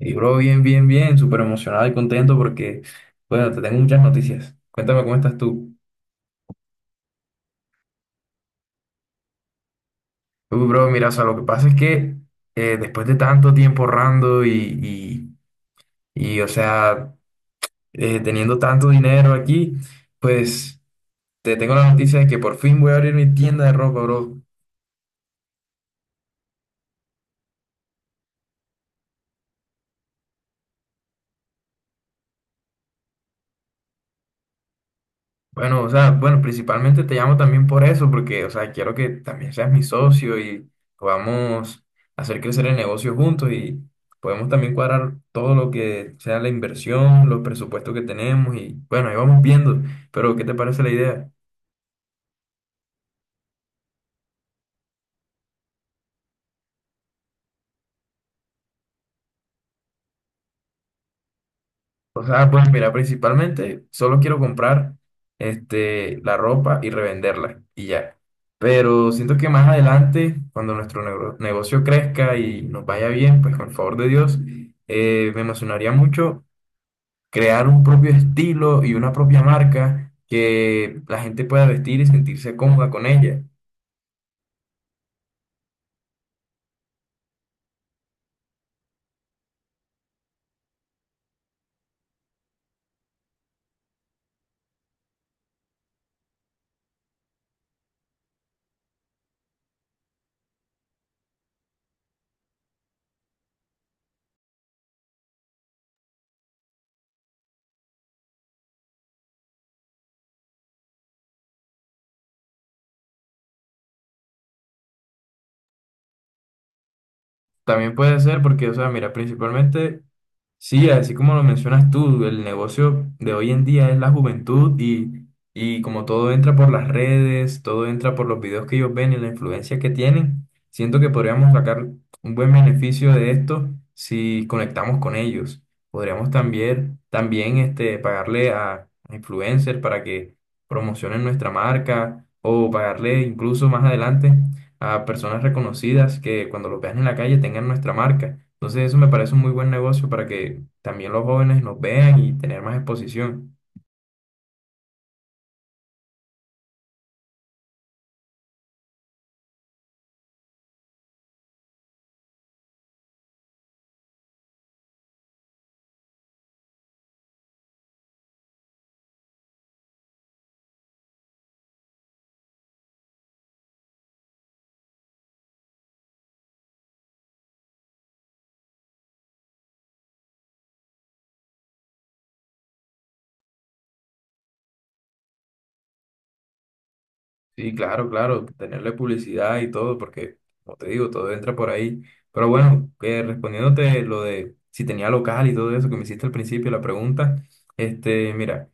Y bro, bien, bien, bien, súper emocionado y contento porque, bueno, te tengo muchas noticias. Cuéntame cómo estás tú. Uy, bro, mira, o sea, lo que pasa es que después de tanto tiempo ahorrando o sea, teniendo tanto dinero aquí, pues te tengo la noticia de que por fin voy a abrir mi tienda de ropa, bro. Bueno, o sea, bueno, principalmente te llamo también por eso, porque, o sea, quiero que también seas mi socio y podamos hacer crecer el negocio juntos y podemos también cuadrar todo lo que sea la inversión, los presupuestos que tenemos y, bueno, ahí vamos viendo, pero ¿qué te parece la idea? O sea, pues mira, principalmente solo quiero comprar este, la ropa y revenderla y ya. Pero siento que más adelante, cuando negocio crezca y nos vaya bien, pues con el favor de Dios, me emocionaría mucho crear un propio estilo y una propia marca que la gente pueda vestir y sentirse cómoda con ella. También puede ser porque, o sea, mira, principalmente, sí, así como lo mencionas tú, el negocio de hoy en día es la juventud y como todo entra por las redes, todo entra por los videos que ellos ven y la influencia que tienen, siento que podríamos sacar un buen beneficio de esto si conectamos con ellos. Podríamos también, también este, pagarle a influencers para que promocionen nuestra marca o pagarle incluso más adelante a personas reconocidas que cuando los vean en la calle tengan nuestra marca. Entonces eso me parece un muy buen negocio para que también los jóvenes nos vean y tener más exposición. Sí, claro, claro, tenerle publicidad y todo, porque como te digo, todo entra por ahí. Pero bueno, que respondiéndote lo de si tenía local y todo eso que me hiciste al principio, la pregunta, este, mira.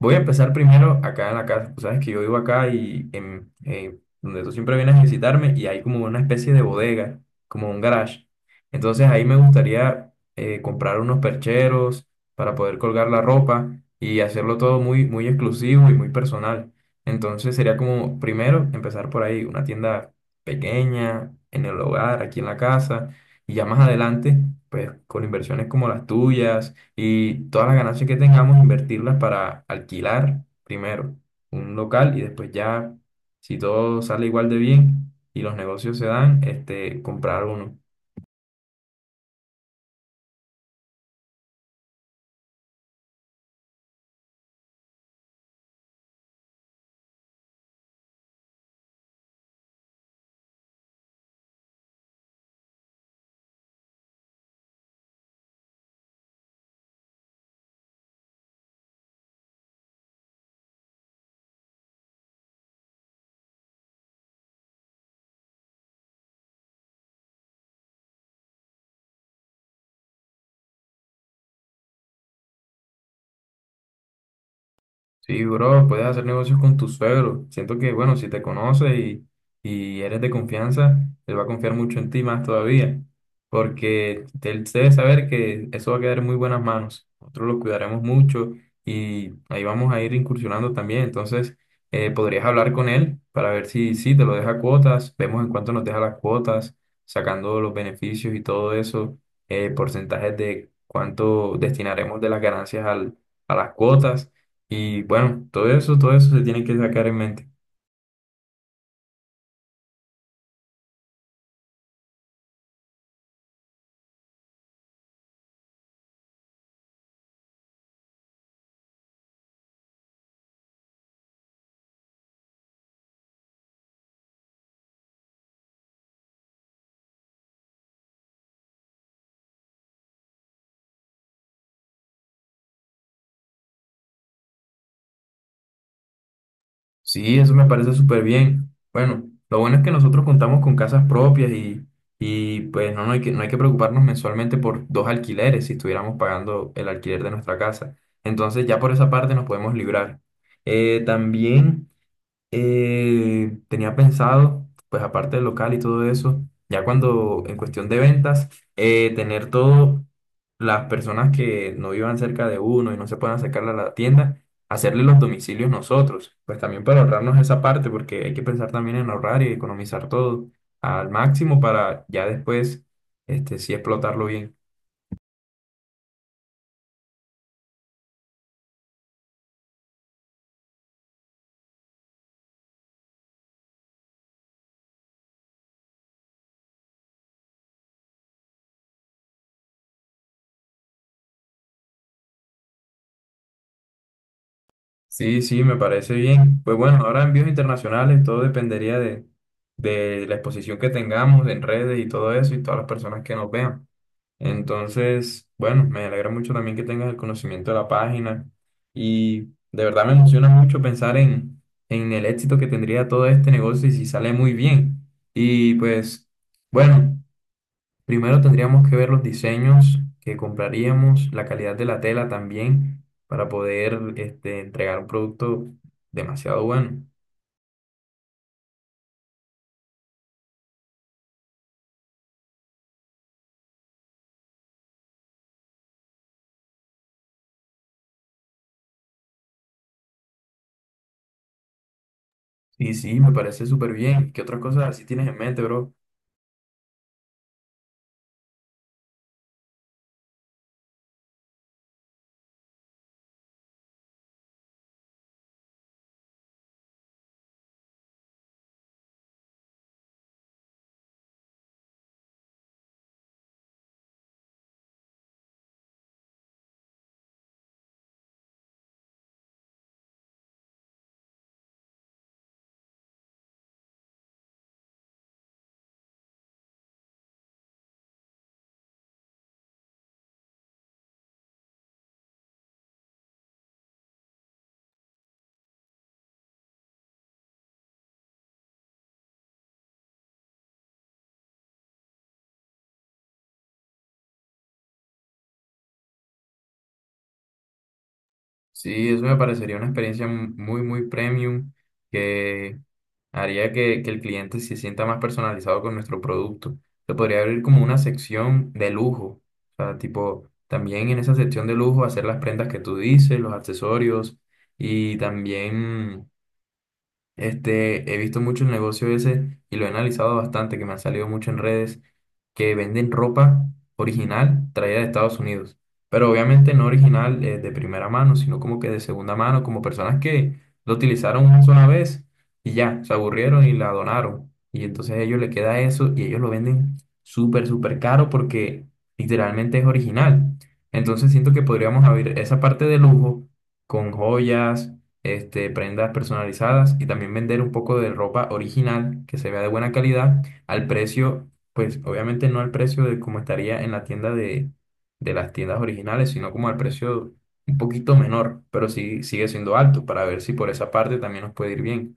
Voy a empezar primero acá en la casa. Tú sabes que yo vivo acá y en, donde tú siempre vienes a visitarme y hay como una especie de bodega, como un garage. Entonces ahí me gustaría comprar unos percheros para poder colgar la ropa y hacerlo todo muy, muy exclusivo y muy personal. Entonces sería como primero empezar por ahí, una tienda pequeña, en el hogar, aquí en la casa, y ya más adelante, pues con inversiones como las tuyas y todas las ganancias que tengamos invertirlas para alquilar primero un local y después ya, si todo sale igual de bien y los negocios se dan, este, comprar uno. Sí, bro, puedes hacer negocios con tu suegro. Siento que, bueno, si te conoce y eres de confianza, él va a confiar mucho en ti más todavía, porque él debe saber que eso va a quedar en muy buenas manos. Nosotros lo cuidaremos mucho y ahí vamos a ir incursionando también. Entonces, podrías hablar con él para ver si, si te lo deja cuotas, vemos en cuánto nos deja las cuotas, sacando los beneficios y todo eso, porcentajes de cuánto destinaremos de las ganancias al, a las cuotas. Y bueno, todo eso se tiene que sacar en mente. Sí, eso me parece súper bien. Bueno, lo bueno es que nosotros contamos con casas propias y pues no, no hay que, no hay que preocuparnos mensualmente por dos alquileres si estuviéramos pagando el alquiler de nuestra casa. Entonces ya por esa parte nos podemos librar. Eh, también... Tenía pensado, pues aparte del local y todo eso, ya cuando en cuestión de ventas, tener todo, las personas que no vivan cerca de uno y no se puedan acercar a la tienda, hacerle los domicilios nosotros, pues también para ahorrarnos esa parte, porque hay que pensar también en ahorrar y economizar todo al máximo para ya después, este, sí explotarlo bien. Sí, sí, me parece bien. Pues bueno, ahora envíos internacionales, todo dependería de la exposición que tengamos en redes y todo eso y todas las personas que nos vean. Entonces, bueno, me alegra mucho también que tengas el conocimiento de la página y de verdad me emociona mucho pensar en el éxito que tendría todo este negocio y si sale muy bien. Y pues, bueno. Primero tendríamos que ver los diseños que compraríamos, la calidad de la tela también, para poder este, entregar un producto demasiado bueno. Y sí, me parece súper bien. ¿Qué otras cosas así tienes en mente, bro? Sí, eso me parecería una experiencia muy, muy premium que haría que el cliente se sienta más personalizado con nuestro producto. Se podría abrir como una sección de lujo, o sea, tipo, también en esa sección de lujo hacer las prendas que tú dices, los accesorios y también este, he visto mucho el negocio ese y lo he analizado bastante, que me han salido mucho en redes, que venden ropa original traída de Estados Unidos. Pero obviamente no original de primera mano, sino como que de segunda mano, como personas que lo utilizaron una sola vez y ya, se aburrieron y la donaron. Y entonces a ellos les queda eso y ellos lo venden súper, súper caro porque literalmente es original. Entonces siento que podríamos abrir esa parte de lujo con joyas este, prendas personalizadas y también vender un poco de ropa original que se vea de buena calidad al precio, pues obviamente no al precio de como estaría en la tienda de las tiendas originales, sino como al precio un poquito menor, pero sí sigue siendo alto para ver si por esa parte también nos puede ir bien.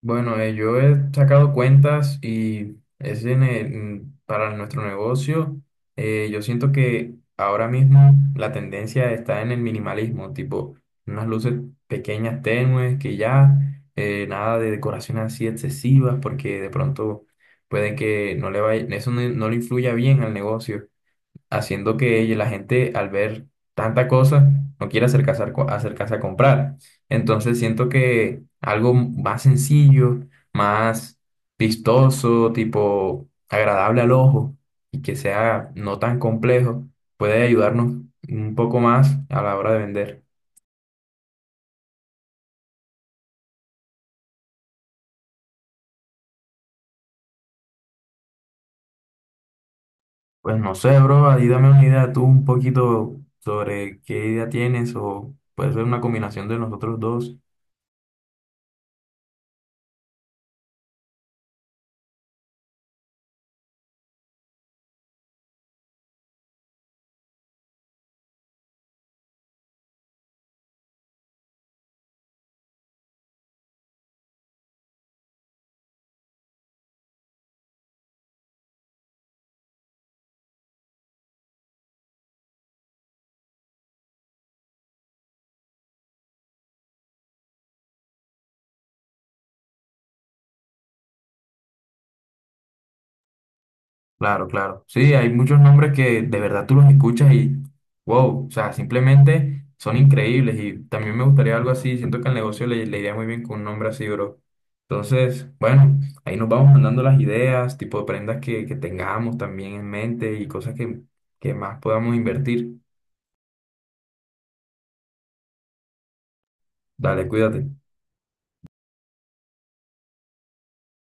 Bueno, yo he sacado cuentas y para nuestro negocio. Yo siento que ahora mismo la tendencia está en el minimalismo, tipo unas luces pequeñas, tenues, que ya nada de decoraciones así excesivas, porque de pronto puede que no le vaya, eso no, no le influya bien al negocio haciendo que la gente al ver tanta cosa no quiera acercarse a, acercarse a comprar. Entonces siento que algo más sencillo, más vistoso, tipo agradable al ojo y que sea no tan complejo, puede ayudarnos un poco más a la hora de vender. Pues no sé, bro, ahí dame una idea tú un poquito sobre qué idea tienes o puede ser una combinación de nosotros dos. Claro, claro. Sí, hay muchos nombres que de verdad tú los escuchas y wow, o sea, simplemente son increíbles y también me gustaría algo así. Siento que al negocio le, le iría muy bien con un nombre así, bro. Entonces, bueno, ahí nos vamos mandando las ideas, tipo de prendas que tengamos también en mente y cosas que más podamos invertir. Dale, cuídate.